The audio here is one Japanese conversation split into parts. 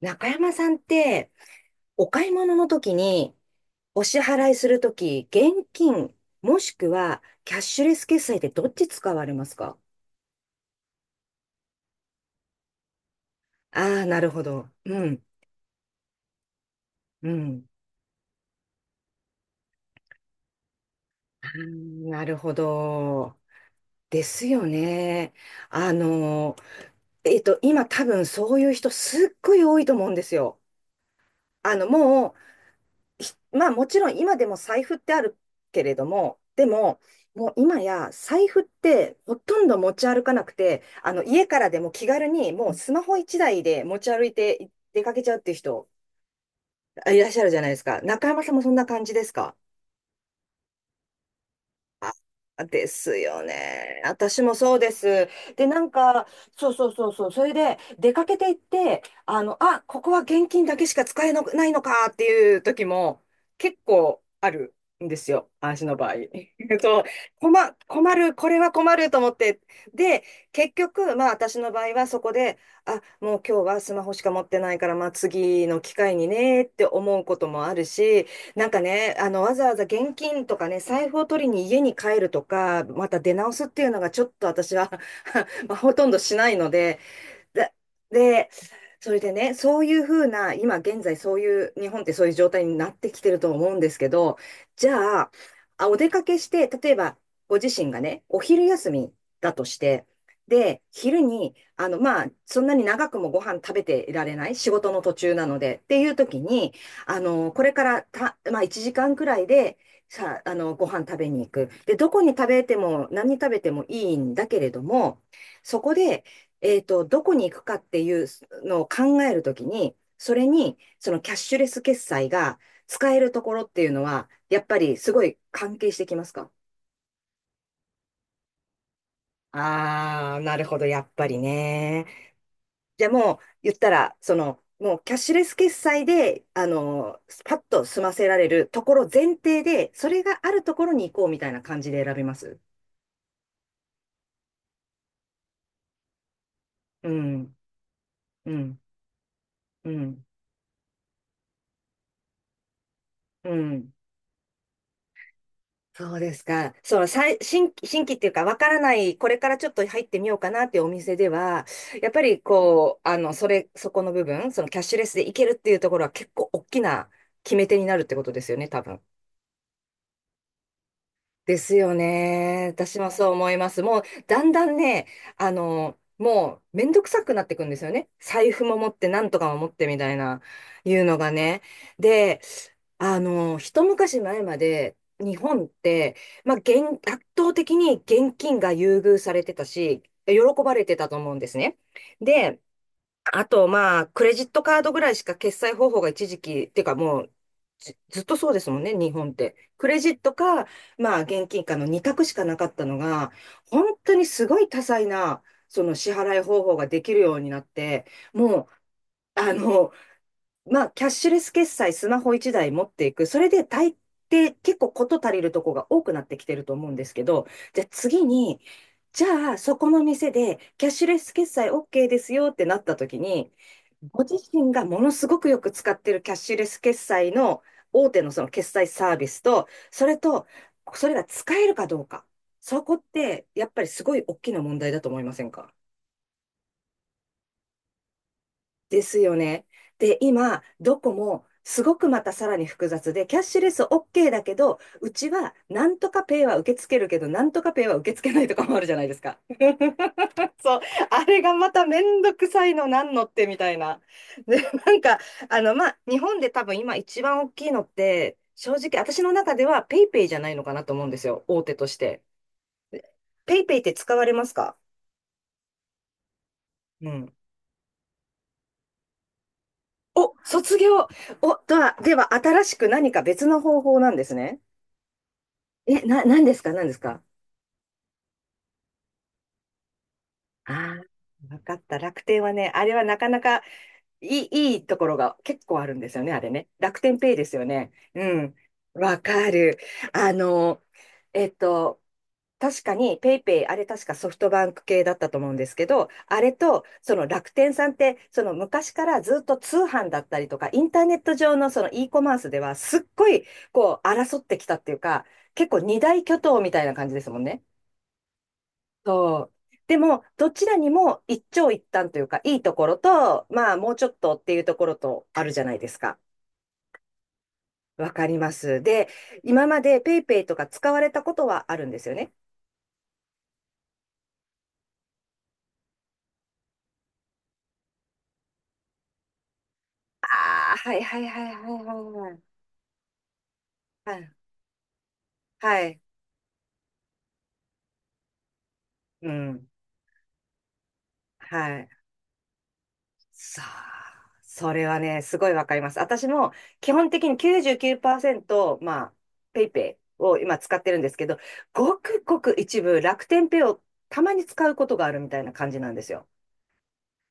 中山さんって、お買い物の時に、お支払いする時、現金、もしくはキャッシュレス決済ってどっち使われますか？ああー、なるほど。うん、うん。あー、なるほど。ですよね。あの、今多分そういう人すっごい多いと思うんですよ。もうまあもちろん今でも財布ってあるけれども、でも、もう今や財布ってほとんど持ち歩かなくて、家からでも気軽にもうスマホ一台で持ち歩いて出かけちゃうっていう人いらっしゃるじゃないですか。中山さんもそんな感じですか？ですよね。私もそうです。で、なんか、そうそうそうそう。それで、出かけていって、あ、ここは現金だけしか使えのないのかっていう時も結構あるんですよ。私の場合。そう、困、困る、これは困ると思って。で、結局、まあ私の場合はそこで、あ、もう今日はスマホしか持ってないから、まあ次の機会にねって思うこともあるし、なんかね、わざわざ現金とかね、財布を取りに家に帰るとか、また出直すっていうのがちょっと私は まあ、ほとんどしないので、だで、それでね、そういうふうな、今現在そういう、日本ってそういう状態になってきてると思うんですけど、じゃあ、あ、お出かけして、例えばご自身がね、お昼休みだとして、で、昼に、まあ、そんなに長くもご飯食べていられない、仕事の途中なので、っていう時に、これからまあ、1時間くらいで、さ、あの、ご飯食べに行く。で、どこに食べても、何食べてもいいんだけれども、そこで、どこに行くかっていうのを考えるときに、それに、そのキャッシュレス決済が使えるところっていうのは、やっぱりすごい関係してきますか？ああー、なるほど、やっぱりね。じゃあもう、言ったら、その、もうキャッシュレス決済で、パッと済ませられるところ前提で、それがあるところに行こうみたいな感じで選びます。うん、うん、うん、うん。そうですか。その新規っていうか、わからない、これからちょっと入ってみようかなっていうお店では、やっぱりこう、そこの部分、そのキャッシュレスでいけるっていうところは結構大きな決め手になるってことですよね、多分。ですよね。私もそう思います。もう、だんだんね、もう、めんどくさくなってくんですよね。財布も持って、なんとかも持ってみたいな、いうのがね。で、一昔前まで、日本って、まあ、圧倒的に現金が優遇されてたし、喜ばれてたと思うんですね。で、あと、まあ、クレジットカードぐらいしか決済方法が一時期、っていうかもう、ずっとそうですもんね、日本って。クレジットか、まあ、現金かの二択しかなかったのが、本当にすごい多彩な、その支払い方法ができるようになって、もう、あの、まあ、キャッシュレス決済、スマホ一台持っていく。それで大抵結構事足りるとこが多くなってきてると思うんですけど、じゃあ次に、じゃあ、そこの店で、キャッシュレス決済 OK ですよってなった時に、ご自身がものすごくよく使ってるキャッシュレス決済の大手のその決済サービスと、それと、それが使えるかどうか。そこって、やっぱりすごい大きな問題だと思いませんか？ですよね。で、今、どこもすごくまたさらに複雑で、キャッシュレス OK だけど、うちはなんとかペイは受け付けるけど、なんとかペイは受け付けないとかもあるじゃないですか。そう、あれがまためんどくさいのなんのってみたいな。で、なんか、まあ、日本で多分今一番大きいのって、正直私の中ではペイペイじゃないのかなと思うんですよ、大手として。ペイペイって使われますか？うん。お、卒業。お、とは、では、新しく何か別の方法なんですね。え、何ですか何ですか？ああー、わかった。楽天はね、あれはなかなかいいところが結構あるんですよね、あれね。楽天ペイですよね。うん。わかる。あの、えっと、確かにペイペイ、あれ確かソフトバンク系だったと思うんですけど、あれと、その楽天さんって、その昔からずっと通販だったりとか、インターネット上のその e コマースでは、すっごい、こう、争ってきたっていうか、結構二大巨頭みたいな感じですもんね。そう。でも、どちらにも一長一短というか、いいところと、まあ、もうちょっとっていうところとあるじゃないですか。わかります。で、今までペイペイとか使われたことはあるんですよね。ああ、はいはいはいはいはいはい。はい。はい。うん。はい。さあ、それはね、すごいわかります。私も基本的に99%、まあ、ペイペイを今使ってるんですけど、ごくごく一部楽天ペイをたまに使うことがあるみたいな感じなんですよ。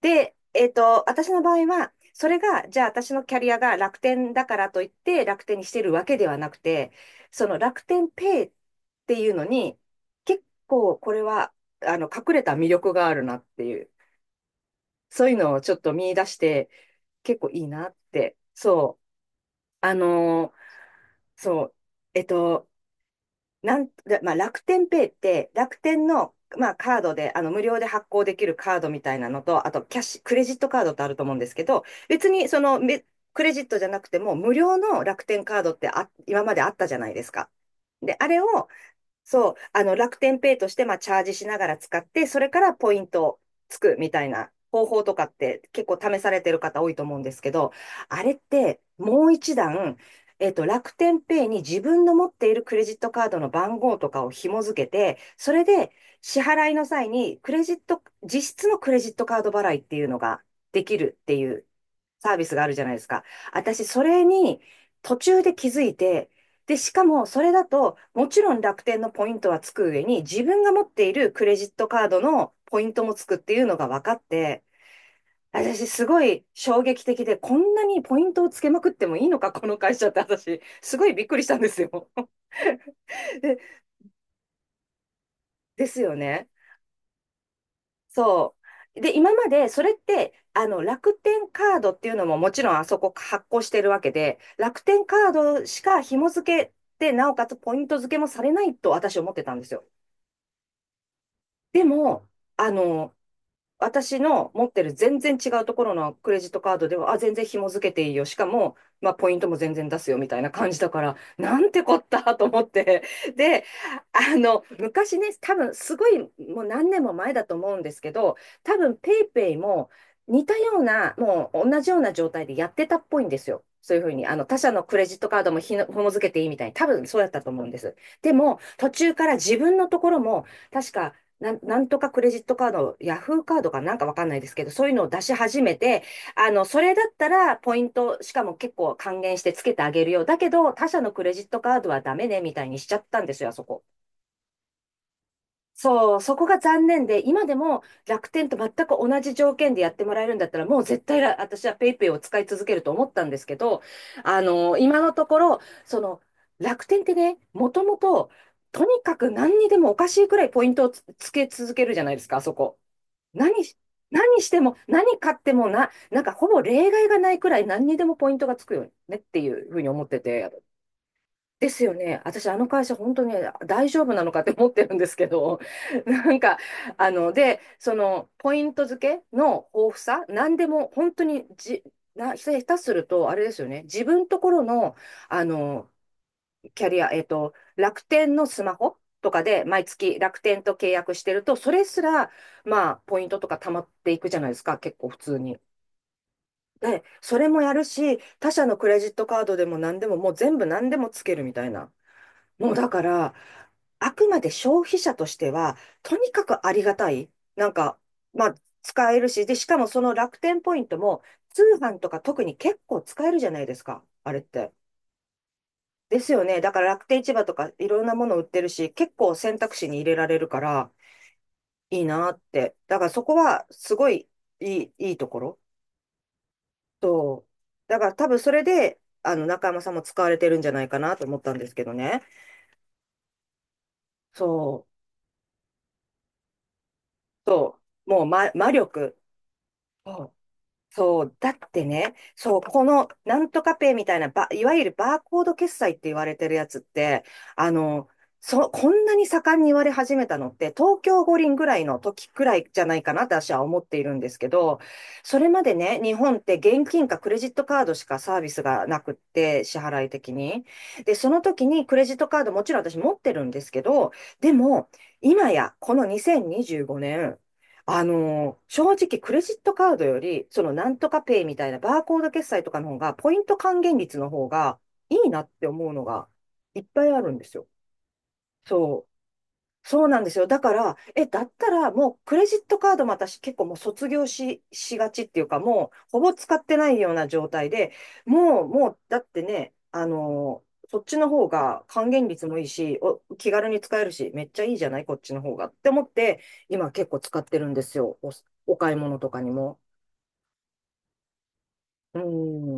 で、私の場合は、それが、じゃあ私のキャリアが楽天だからといって楽天にしてるわけではなくて、その楽天ペイっていうのに、結構これは、隠れた魅力があるなっていう、そういうのをちょっと見出して、結構いいなって。そう。あのーそう。えっと、なんと、でまあ、楽天ペイって、楽天の、まあ、カードで、無料で発行できるカードみたいなのと、あと、キャッシュ、クレジットカードってあると思うんですけど、別に、その、クレジットじゃなくても、無料の楽天カードってあ、今まであったじゃないですか。で、あれを、そう、楽天ペイとして、まあ、チャージしながら使って、それからポイントをつくみたいな方法とかって結構試されてる方多いと思うんですけど、あれってもう一段、楽天ペイに自分の持っているクレジットカードの番号とかを紐付けて、それで支払いの際にクレジット、実質のクレジットカード払いっていうのができるっていうサービスがあるじゃないですか。私、それに途中で気づいて、で、しかもそれだと、もちろん楽天のポイントはつく上に、自分が持っているクレジットカードのポイントもつくっていうのが分かって、私すごい衝撃的で、こんなにポイントをつけまくってもいいのか、この会社って私、すごいびっくりしたんですよ。で、ですよね。そう。で、今までそれって、楽天カードっていうのももちろんあそこ発行してるわけで、楽天カードしか紐付けて、なおかつポイント付けもされないと私思ってたんですよ。でも、あの、私の持ってる全然違うところのクレジットカードでは、あ、全然紐付けていいよ。しかも、まあ、ポイントも全然出すよみたいな感じだから、なんてこったと思って。で、昔ね、多分すごい、もう何年も前だと思うんですけど、多分ペイペイも似たような、もう同じような状態でやってたっぽいんですよ。そういうふうに、他社のクレジットカードも紐付けていいみたいに、多分そうやったと思うんです。でも、途中から自分のところも、確か、なんとかクレジットカード、ヤフーカードかなんかわかんないですけど、そういうのを出し始めて、それだったらポイント、しかも結構還元してつけてあげるよ。だけど、他社のクレジットカードはダメね、みたいにしちゃったんですよ、あそこ。そう、そこが残念で、今でも楽天と全く同じ条件でやってもらえるんだったら、もう絶対私はペイペイを使い続けると思ったんですけど、今のところ、その、楽天ってね、もともと、とにかく何にでもおかしいくらいポイントをつつけ続けるじゃないですか、あそこ。何し、何しても、何買ってもな、なんかほぼ例外がないくらい何にでもポイントがつくよねっていうふうに思ってて。ですよね。私、あの会社、本当に大丈夫なのかって思ってるんですけど、なんか、あの、で、その、ポイント付けの豊富さ、何でも、本当にじ、な、ひたすると、あれですよね、自分ところの、あの、キャリア、楽天のスマホとかで、毎月楽天と契約してると、それすら、まあ、ポイントとか貯まっていくじゃないですか、結構普通に。で、それもやるし、他社のクレジットカードでも何でも、もう全部何でもつけるみたいな。もうだから、あくまで消費者としては、とにかくありがたい。なんか、まあ、使えるし、で、しかもその楽天ポイントも、通販とか特に結構使えるじゃないですか、あれって。ですよね。だから楽天市場とかいろんなもの売ってるし、結構選択肢に入れられるからいいなって。だからそこはすごいいいところ。そう。だから多分それで、中山さんも使われてるんじゃないかなと思ったんですけどね。そう。そう。もう魔力。そうそう、だってね、そう、このなんとかペイみたいな、いわゆるバーコード決済って言われてるやつって、あの、こんなに盛んに言われ始めたのって、東京五輪ぐらいの時くらいじゃないかなって私は思っているんですけど、それまでね、日本って現金かクレジットカードしかサービスがなくって、支払い的に。で、その時にクレジットカードもちろん私持ってるんですけど、でも、今やこの2025年、あのー、正直クレジットカードより、そのなんとかペイみたいなバーコード決済とかの方が、ポイント還元率の方がいいなって思うのがいっぱいあるんですよ。そうそうなんですよ。だから、え、だったらもうクレジットカードも私結構もう卒業し、しがちっていうか、もうほぼ使ってないような状態で、もう、だってね、あのーそっちの方が還元率もいいし、気軽に使えるし、めっちゃいいじゃないこっちの方がって思って、今結構使ってるんですよ。お買い物とかにも。う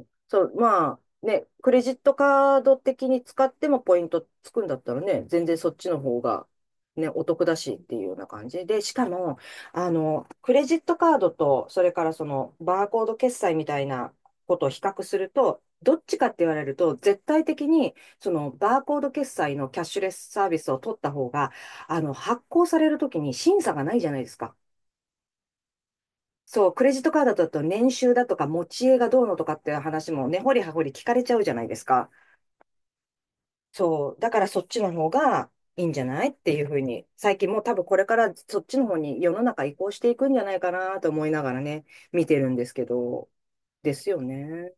ん。そう、まあ、ね、クレジットカード的に使ってもポイントつくんだったらね、全然そっちの方が、ね、お得だしっていうような感じで、しかも、クレジットカードと、それからその、バーコード決済みたいなことを比較すると、どっちかって言われると、絶対的に、その、バーコード決済のキャッシュレスサービスを取った方が、発行されるときに審査がないじゃないですか。そう、クレジットカードだと年収だとか持ち家がどうのとかっていう話もね、ほり聞かれちゃうじゃないですか。そう、だからそっちの方がいいんじゃないっていうふうに、最近もう多分これからそっちの方に世の中移行していくんじゃないかなと思いながらね、見てるんですけど、ですよね。